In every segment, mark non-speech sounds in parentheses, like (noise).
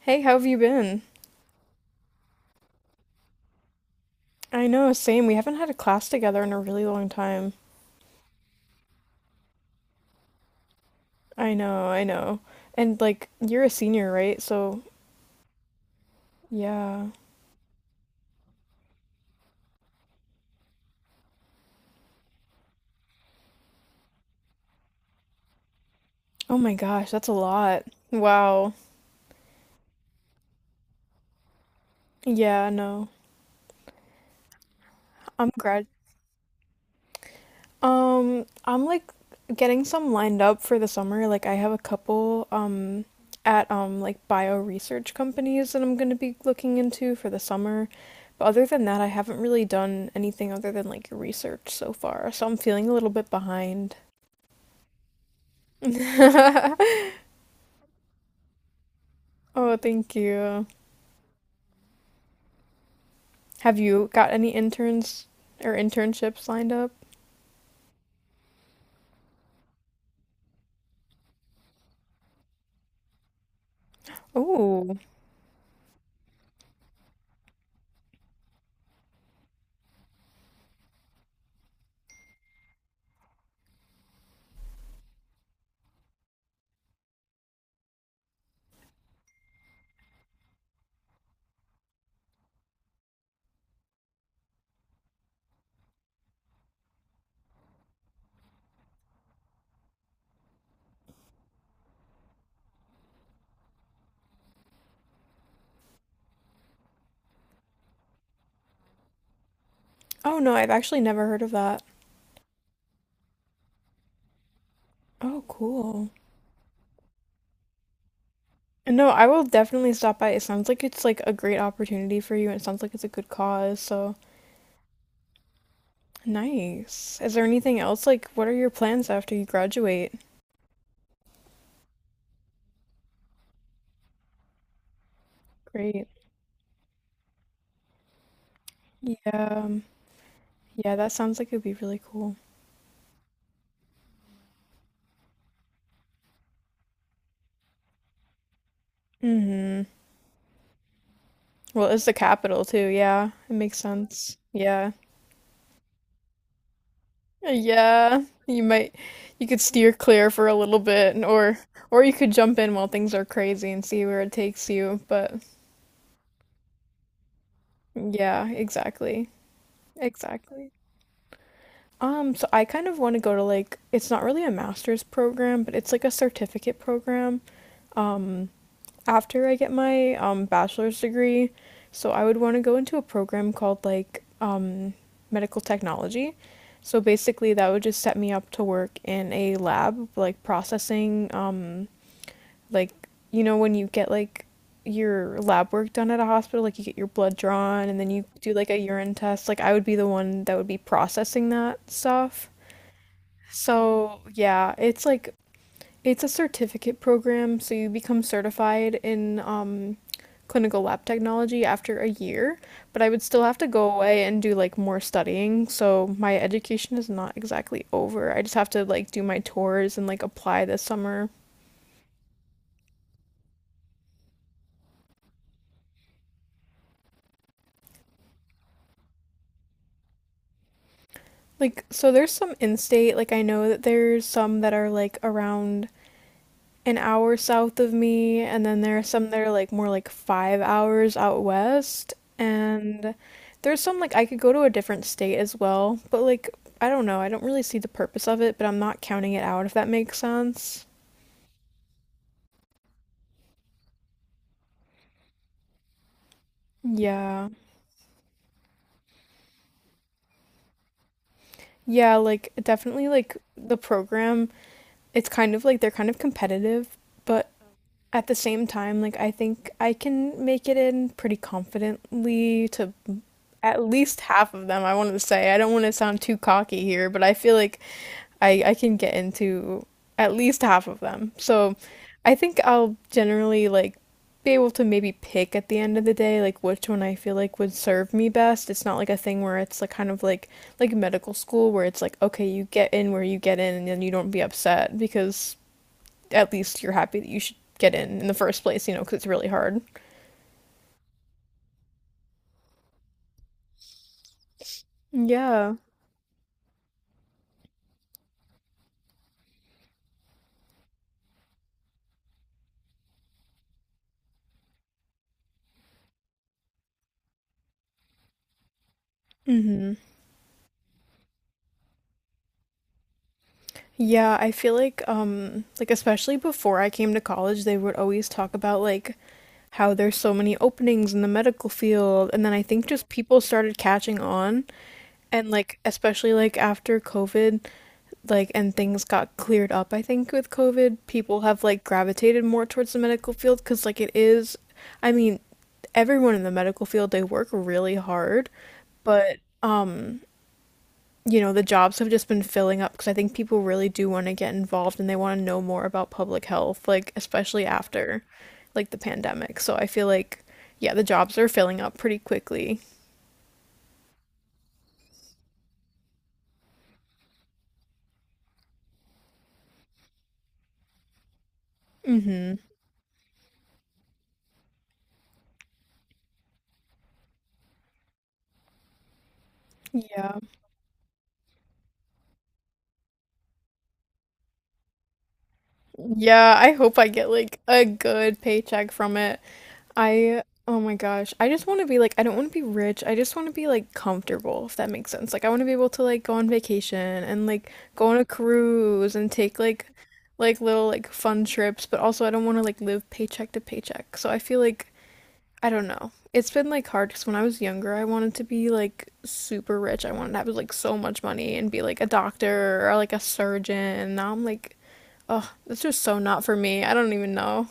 Hey, how have you been? I know, same. We haven't had a class together in a really long time. I know, I know. And like, you're a senior, right? So, yeah. Oh my gosh, that's a lot. Wow. Yeah, no. I'm grad. I'm like getting some lined up for the summer. Like, I have a couple at like bio research companies that I'm gonna be looking into for the summer. But other than that, I haven't really done anything other than like research so far. So I'm feeling a little bit behind. (laughs) Oh, thank you. Have you got any interns or internships lined up? Oh, oh no, I've actually never heard of that. Oh, cool. No, I will definitely stop by. It sounds like it's like a great opportunity for you, and it sounds like it's a good cause, so nice. Is there anything else? Like, what are your plans after you graduate? Great. Yeah. Yeah, that sounds like it'd be really cool. Mm-hmm. Well, it's the capital too, yeah. It makes sense. Yeah. Yeah, you could steer clear for a little bit or you could jump in while things are crazy and see where it takes you, but yeah, exactly. Exactly. So I kind of want to go to like it's not really a master's program, but it's like a certificate program. Um, After I get my bachelor's degree. So I would want to go into a program called like medical technology. So basically, that would just set me up to work in a lab, like processing, like you know when you get like your lab work done at a hospital, like you get your blood drawn and then you do like a urine test. Like I would be the one that would be processing that stuff. So yeah, it's like it's a certificate program, so you become certified in clinical lab technology after a year, but I would still have to go away and do like more studying. So my education is not exactly over. I just have to like do my tours and like apply this summer. Like, so there's some in state, like, I know that there's some that are like around an hour south of me, and then there are some that are like more like 5 hours out west. And there's some like I could go to a different state as well, but like I don't know, I don't really see the purpose of it, but I'm not counting it out if that makes sense. Yeah. Yeah, like definitely like the program, it's kind of like they're kind of competitive, but at the same time, like I think I can make it in pretty confidently to at least half of them, I want to say. I don't want to sound too cocky here, but I feel like I can get into at least half of them. So I think I'll generally like be able to maybe pick at the end of the day like which one I feel like would serve me best. It's not like a thing where it's like kind of like medical school where it's like okay, you get in where you get in and then you don't be upset because at least you're happy that you should get in the first place, you know, because it's really hard. Yeah. Mm-hmm. Yeah, I feel like especially before I came to college, they would always talk about like how there's so many openings in the medical field, and then I think just people started catching on. And like especially like after COVID, like and things got cleared up, I think with COVID, people have like gravitated more towards the medical field cuz like it is. I mean, everyone in the medical field, they work really hard, but um, the jobs have just been filling up because I think people really do want to get involved and they want to know more about public health, like especially after like the pandemic. So I feel like yeah, the jobs are filling up pretty quickly. Mhm. Yeah. Yeah, I hope I get like a good paycheck from it. I, oh my gosh, I just want to be like, I don't want to be rich. I just want to be like comfortable, if that makes sense. Like, I want to be able to like go on vacation and like go on a cruise and take like little like fun trips, but also I don't want to like live paycheck to paycheck. So I feel like I don't know. It's been like hard because when I was younger, I wanted to be like super rich. I wanted to have like so much money and be like a doctor or like a surgeon. Now I'm like oh, that's just so not for me. I don't even know.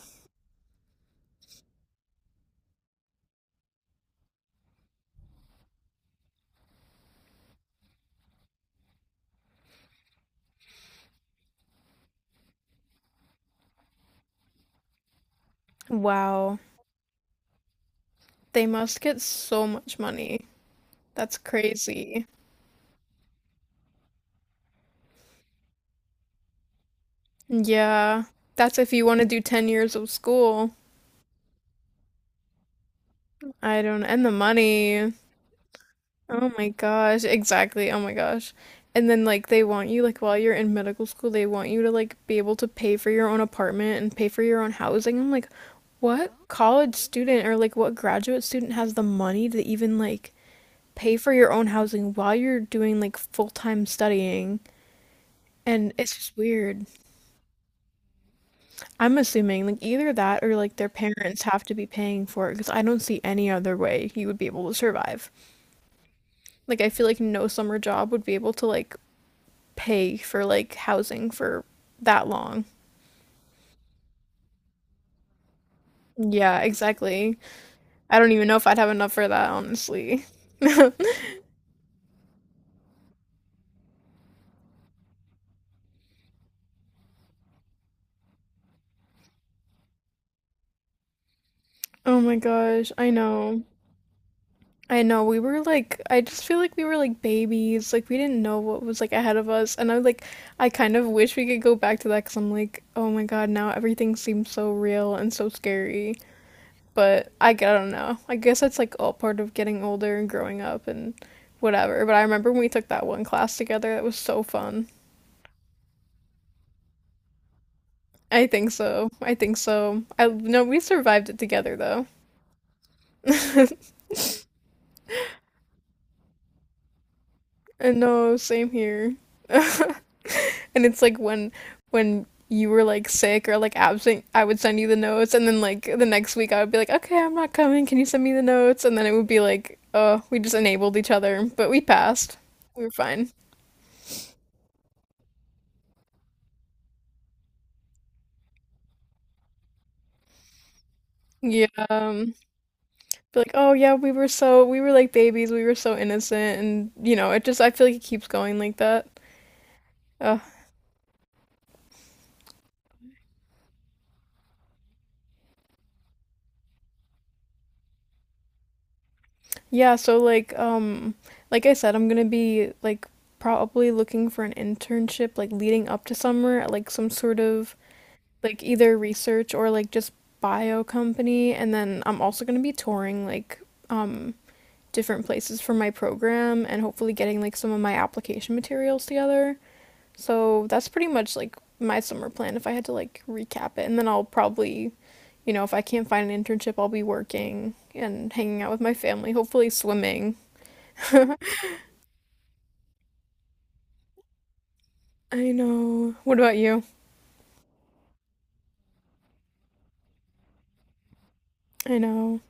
Wow. They must get so much money. That's crazy. Yeah. That's if you want to do 10 years of school. I don't, and the money. Oh my gosh. Exactly. Oh my gosh. And then, like, they want you, like, while you're in medical school, they want you to, like, be able to pay for your own apartment and pay for your own housing. I'm like, what college student or, like, what graduate student has the money to even, like, pay for your own housing while you're doing like full-time studying. And it's just weird. I'm assuming like either that or like their parents have to be paying for it because I don't see any other way you would be able to survive. Like I feel like no summer job would be able to like pay for like housing for that long. Yeah, exactly. I don't even know if I'd have enough for that, honestly. (laughs) Oh my gosh, I know. I know we were like I just feel like we were like babies. Like we didn't know what was like ahead of us. And I like I kind of wish we could go back to that cuz I'm like, "Oh my god, now everything seems so real and so scary." But I don't know. I guess that's like all part of getting older and growing up and whatever. But I remember when we took that one class together. That was so fun. I think so. I think so. I no, we survived it together though. (laughs) And no, same here. (laughs) And it's like when you were like sick or like absent, I would send you the notes, and then like the next week I would be like, okay, I'm not coming. Can you send me the notes? And then it would be like, oh, we just enabled each other, but we passed. We were fine. Yeah. Be like, oh yeah, we were like babies. We were so innocent, and it just I feel like it keeps going like that. Uh, yeah. So like I said, I'm gonna be like probably looking for an internship like leading up to summer at like some sort of like either research or like just bio company and then I'm also going to be touring like um different places for my program and hopefully getting like some of my application materials together. So that's pretty much like my summer plan if I had to like recap it and then I'll probably if I can't find an internship I'll be working and hanging out with my family, hopefully swimming. (laughs) I know. What about you? I know.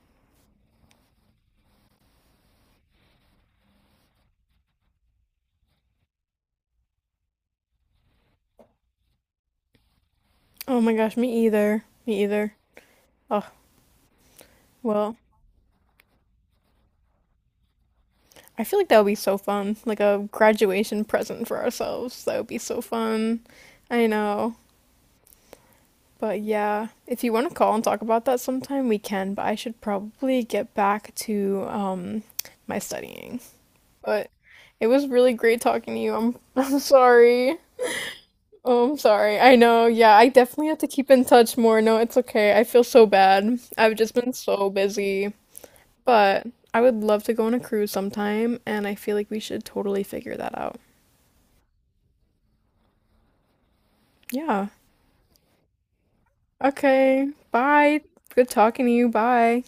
Oh my gosh, me either. Me either. Oh, well, I feel like that would be so fun. Like a graduation present for ourselves. That would be so fun. I know. But yeah, if you want to call and talk about that sometime, we can. But I should probably get back to my studying. But it was really great talking to you. I'm, (laughs) I'm sorry. Oh, I'm sorry. I know. Yeah, I definitely have to keep in touch more. No, it's okay. I feel so bad. I've just been so busy. But I would love to go on a cruise sometime, and I feel like we should totally figure that out. Yeah. Okay. Bye. Good talking to you. Bye.